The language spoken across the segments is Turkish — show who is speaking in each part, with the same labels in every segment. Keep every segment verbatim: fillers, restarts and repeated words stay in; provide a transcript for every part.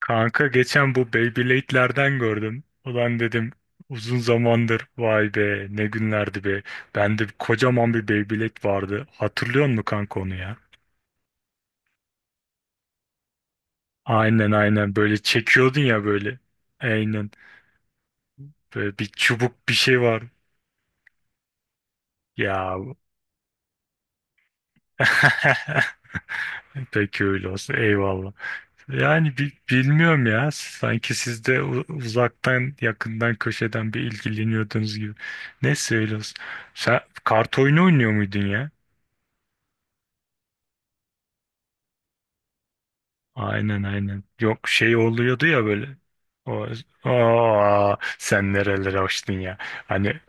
Speaker 1: Kanka geçen bu Beyblade'lerden gördüm. Ulan dedim uzun zamandır vay be ne günlerdi be. Bende bir- kocaman bir Beyblade vardı. Hatırlıyor musun kanka onu ya? Aynen aynen böyle çekiyordun ya böyle. Aynen böyle bir çubuk bir şey var. Ya peki öyle olsun, eyvallah. Yani bi- bilmiyorum ya, sanki siz de u- uzaktan yakından köşeden bir ilgileniyordunuz gibi. Neyse öyle olsun. Sen kart oyunu oynuyor muydun ya? Aynen aynen. Yok şey oluyordu ya böyle. O, aa, sen nerelere açtın ya. Hani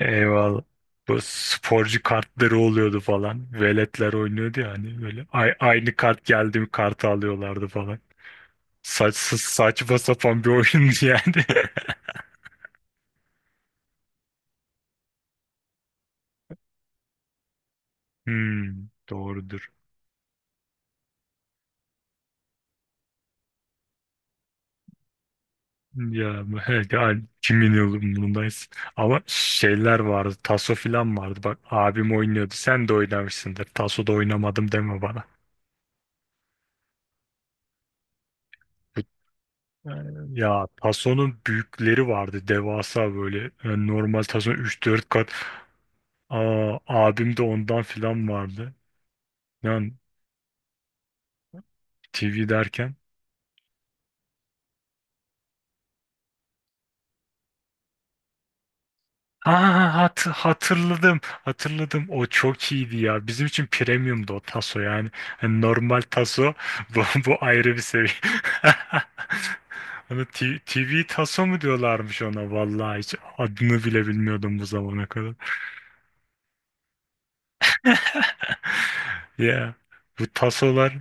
Speaker 1: eyvallah. Bu sporcu kartları oluyordu falan. Veletler oynuyordu ya hani böyle. Ay, aynı kart geldi mi kartı alıyorlardı falan. Saç, saçma sapan bir oyundu yani. Hmm, doğrudur. Ya evet ya, kimin umurundayız. Ama şeyler vardı. Taso filan vardı. Bak abim oynuyordu. Sen de oynamışsındır. Taso da oynamadım deme bana. Ee, Ya Tason'un büyükleri vardı, devasa böyle. Yani normal Tason üç dört kat. Aa, abim de ondan filan vardı. Yani T V derken, aa, hat hatırladım. Hatırladım. O çok iyiydi ya. Bizim için premiumdu o taso yani. Hani normal taso bu, bu ayrı bir seviye. Hani T- TV taso mu diyorlarmış ona, vallahi hiç adını bile bilmiyordum bu zamana kadar. Ya bu tasolar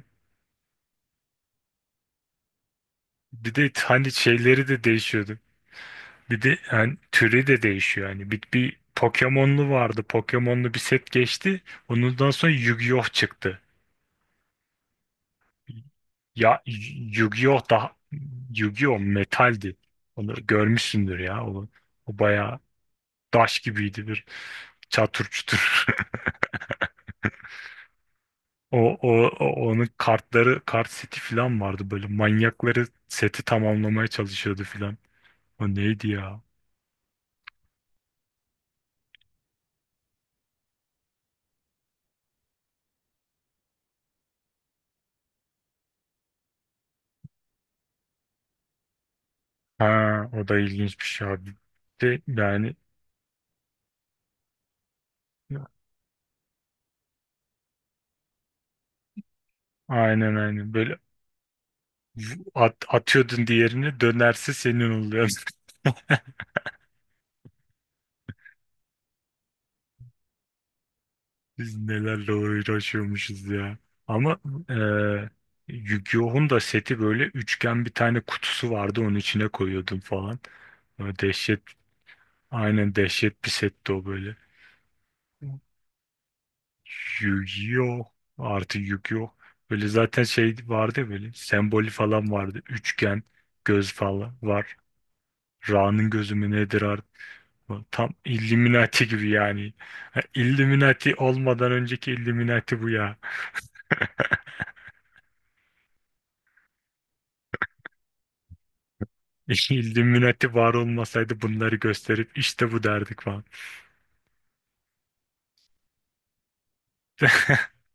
Speaker 1: bir de hani şeyleri de değişiyordu. Bir de hani türü de değişiyor yani. Bir, bir Pokemon'lu vardı. Pokemon'lu bir set geçti. Ondan sonra Yu-Gi-Oh çıktı. Ya Yu-Gi-Oh da, Yu-Gi-Oh metaldi. Onu görmüşsündür ya. O, o bayağı taş gibiydi, bir çatır çutur. O, o, o- onun kartları kart seti falan vardı, böyle manyakları seti tamamlamaya çalışıyordu falan. O neydi ya? Ha, o da ilginç bir şey abi. De, yani aynen aynen böyle v- at, atıyordun, diğerini dönerse senin oluyor. Biz nelerle uğraşıyormuşuz ya. Ama eee Yu-Gi-Oh'un da seti böyle üçgen bir tane kutusu vardı, onun içine koyuyordum falan. Böyle dehşet, aynen dehşet bir setti o böyle. Yu-Gi-Oh artı Yu-Gi-Oh. Böyle zaten şey vardı ya, böyle sembolü falan vardı. Üçgen, göz falan var. Ra'nın gözü mü nedir artık? Tam Illuminati gibi yani. Ha, Illuminati olmadan önceki Illuminati bu ya. İlluminati var olmasaydı bunları gösterip işte bu derdik falan.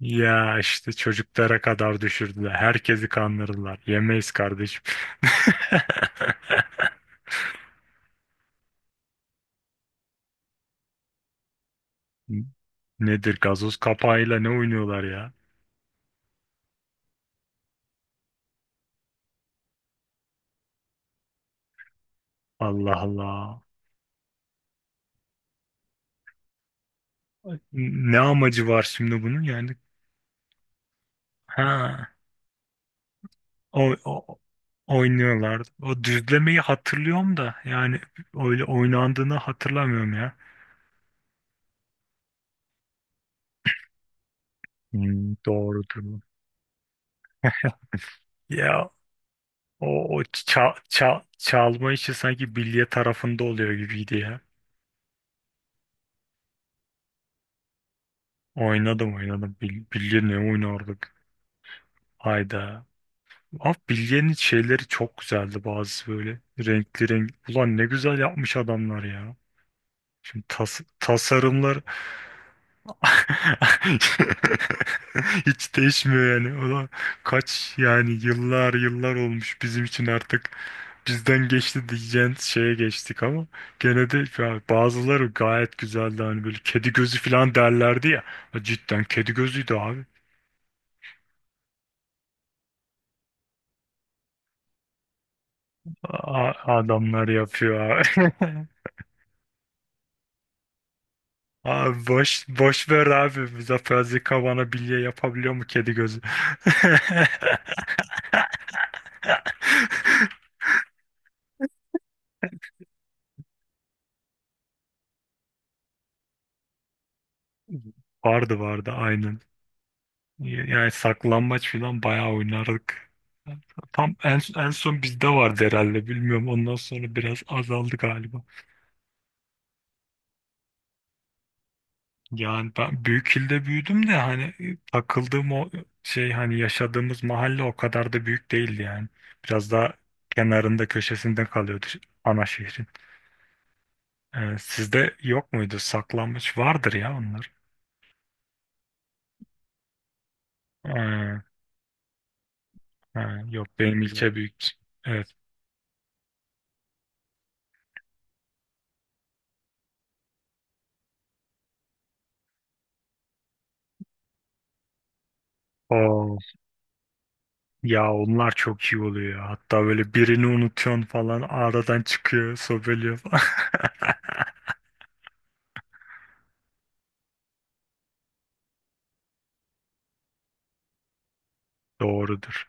Speaker 1: Ya işte çocuklara kadar düşürdüler. Herkesi kandırdılar. Yemeyiz kardeşim. Nedir gazoz kapağıyla ne oynuyorlar ya? Allah Allah. Ne amacı var şimdi bunun yani? Ha, o, o- oynuyorlardı. O düzlemeyi hatırlıyorum da yani öyle oynandığını hatırlamıyorum ya. Hmm, doğrudur. Ya O, o ça- ça- çalma işi sanki bilye tarafında oluyor gibiydi ya. Oynadım oynadım. Bil- bilye ne oynardık? Hayda. Ama bilyenin şeyleri çok güzeldi bazı böyle. Renkli renk. Ulan ne güzel yapmış adamlar ya. Şimdi tas tasarımlar hiç değişmiyor yani. Ulan kaç yani, yıllar yıllar olmuş bizim için artık. Bizden geçti diyeceğin şeye geçtik ama gene de ya bazıları gayet güzeldi hani, böyle kedi gözü falan derlerdi ya. Ha, cidden kedi gözüydü abi. A- adamlar yapıyor abi. Abi boş, boş ver abi. Muzaffer Zika bilye yapabiliyor mu kedi gözü? Vardı vardı, aynen. Yani saklambaç falan bayağı oynardık. Tam en, en son bizde vardı herhalde, bilmiyorum. Ondan sonra biraz azaldı galiba. Yani ben büyük ilde büyüdüm de hani e, takıldığım o şey, hani yaşadığımız mahalle o kadar da büyük değildi yani. Biraz daha kenarında köşesinde kalıyordu ana şehrin. Ee, sizde yok muydu? Saklanmış vardır ya onlar. Ee, ha, yok benim ilçe büyük. Evet. Oo, ya onlar çok iyi oluyor ya. Hatta böyle birini unutuyorsun falan, aradan çıkıyor, sobeliyor falan. Doğrudur.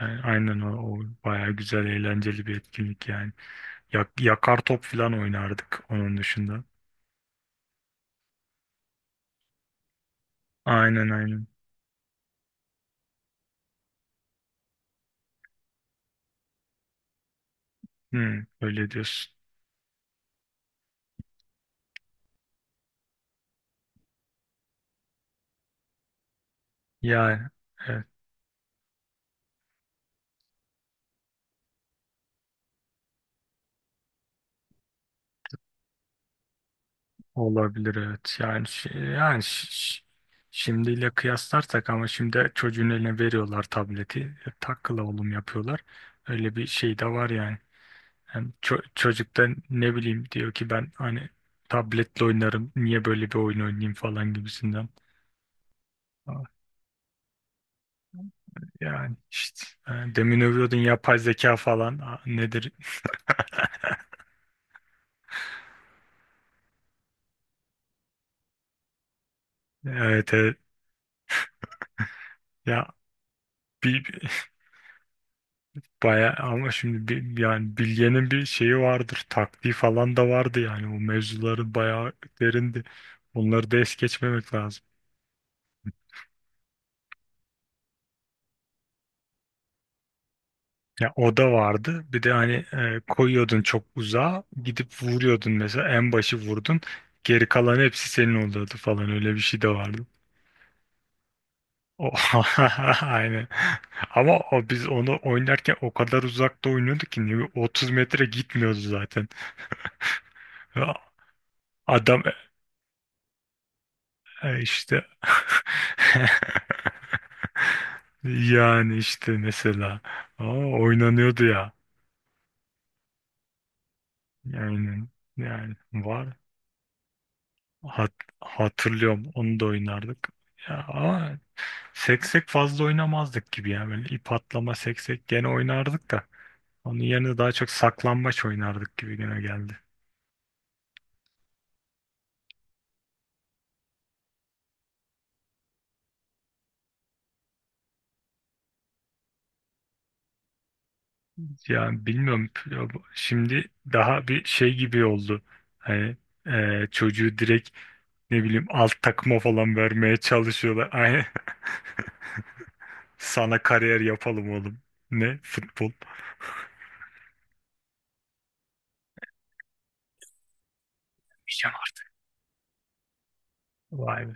Speaker 1: Yani aynen o, o bayağı güzel, eğlenceli bir etkinlik yani. Yak, yakar top falan oynardık onun dışında. Aynen aynen. Hmm, öyle diyorsun. Yani evet, olabilir, evet. Yani şi- yani şi- şi- şimdiyle kıyaslarsak, ama şimdi çocuğun eline veriyorlar tableti. E, takla oğlum yapıyorlar. Öyle bir şey de var yani. Hem ço- çocuk da ne bileyim diyor ki, ben hani tabletle oynarım. Niye böyle bir oyun oynayayım falan gibisinden. Ah, yani işte e, demin övüyordun yapay zeka falan. Ah, nedir? Evet, evet. Ya bir bir- bayağı ama şimdi bir, yani Bilge'nin bir şeyi vardır. Taktiği falan da vardı yani. O mevzuları bayağı derindi. Onları da es geçmemek lazım. Ya o da vardı. Bir de hani e, koyuyordun çok uzağa gidip vuruyordun, mesela en başı vurdun. Geri kalan hepsi senin oluyordu falan, öyle bir şey de vardı. O, aynen. Ama o, biz onu oynarken o kadar uzakta oynuyorduk ki, ne bileyim, otuz metre gitmiyordu zaten. Ya adam, ha işte, yani işte mesela, aa, oynanıyordu ya, yani yani var. Hat, hatırlıyorum, onu da oynardık ya, ama seksek fazla oynamazdık gibi ya, böyle ip atlama, seksek gene oynardık da onun yerine daha çok saklambaç oynardık gibi güne geldi. Yani bilmiyorum. Ya bu- şimdi daha bir şey gibi oldu. Hani e, çocuğu direkt ne bileyim alt takıma falan vermeye çalışıyorlar. Aynen. Sana kariyer yapalım oğlum. Ne? Futbol. Pijama. Vay be.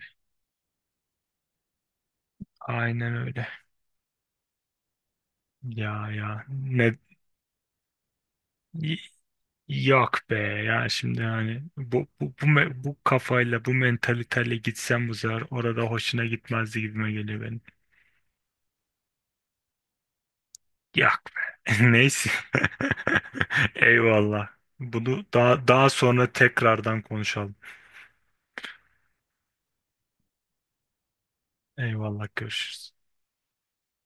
Speaker 1: Aynen öyle. Ya ya ne y- yok be ya, şimdi hani bu bu bu, me- bu kafayla bu mentaliteyle gitsem, bu sefer orada hoşuna gitmezdi gibime geliyor benim. Yok be. Neyse. Eyvallah. Bunu daha daha sonra tekrardan konuşalım. Eyvallah, görüşürüz.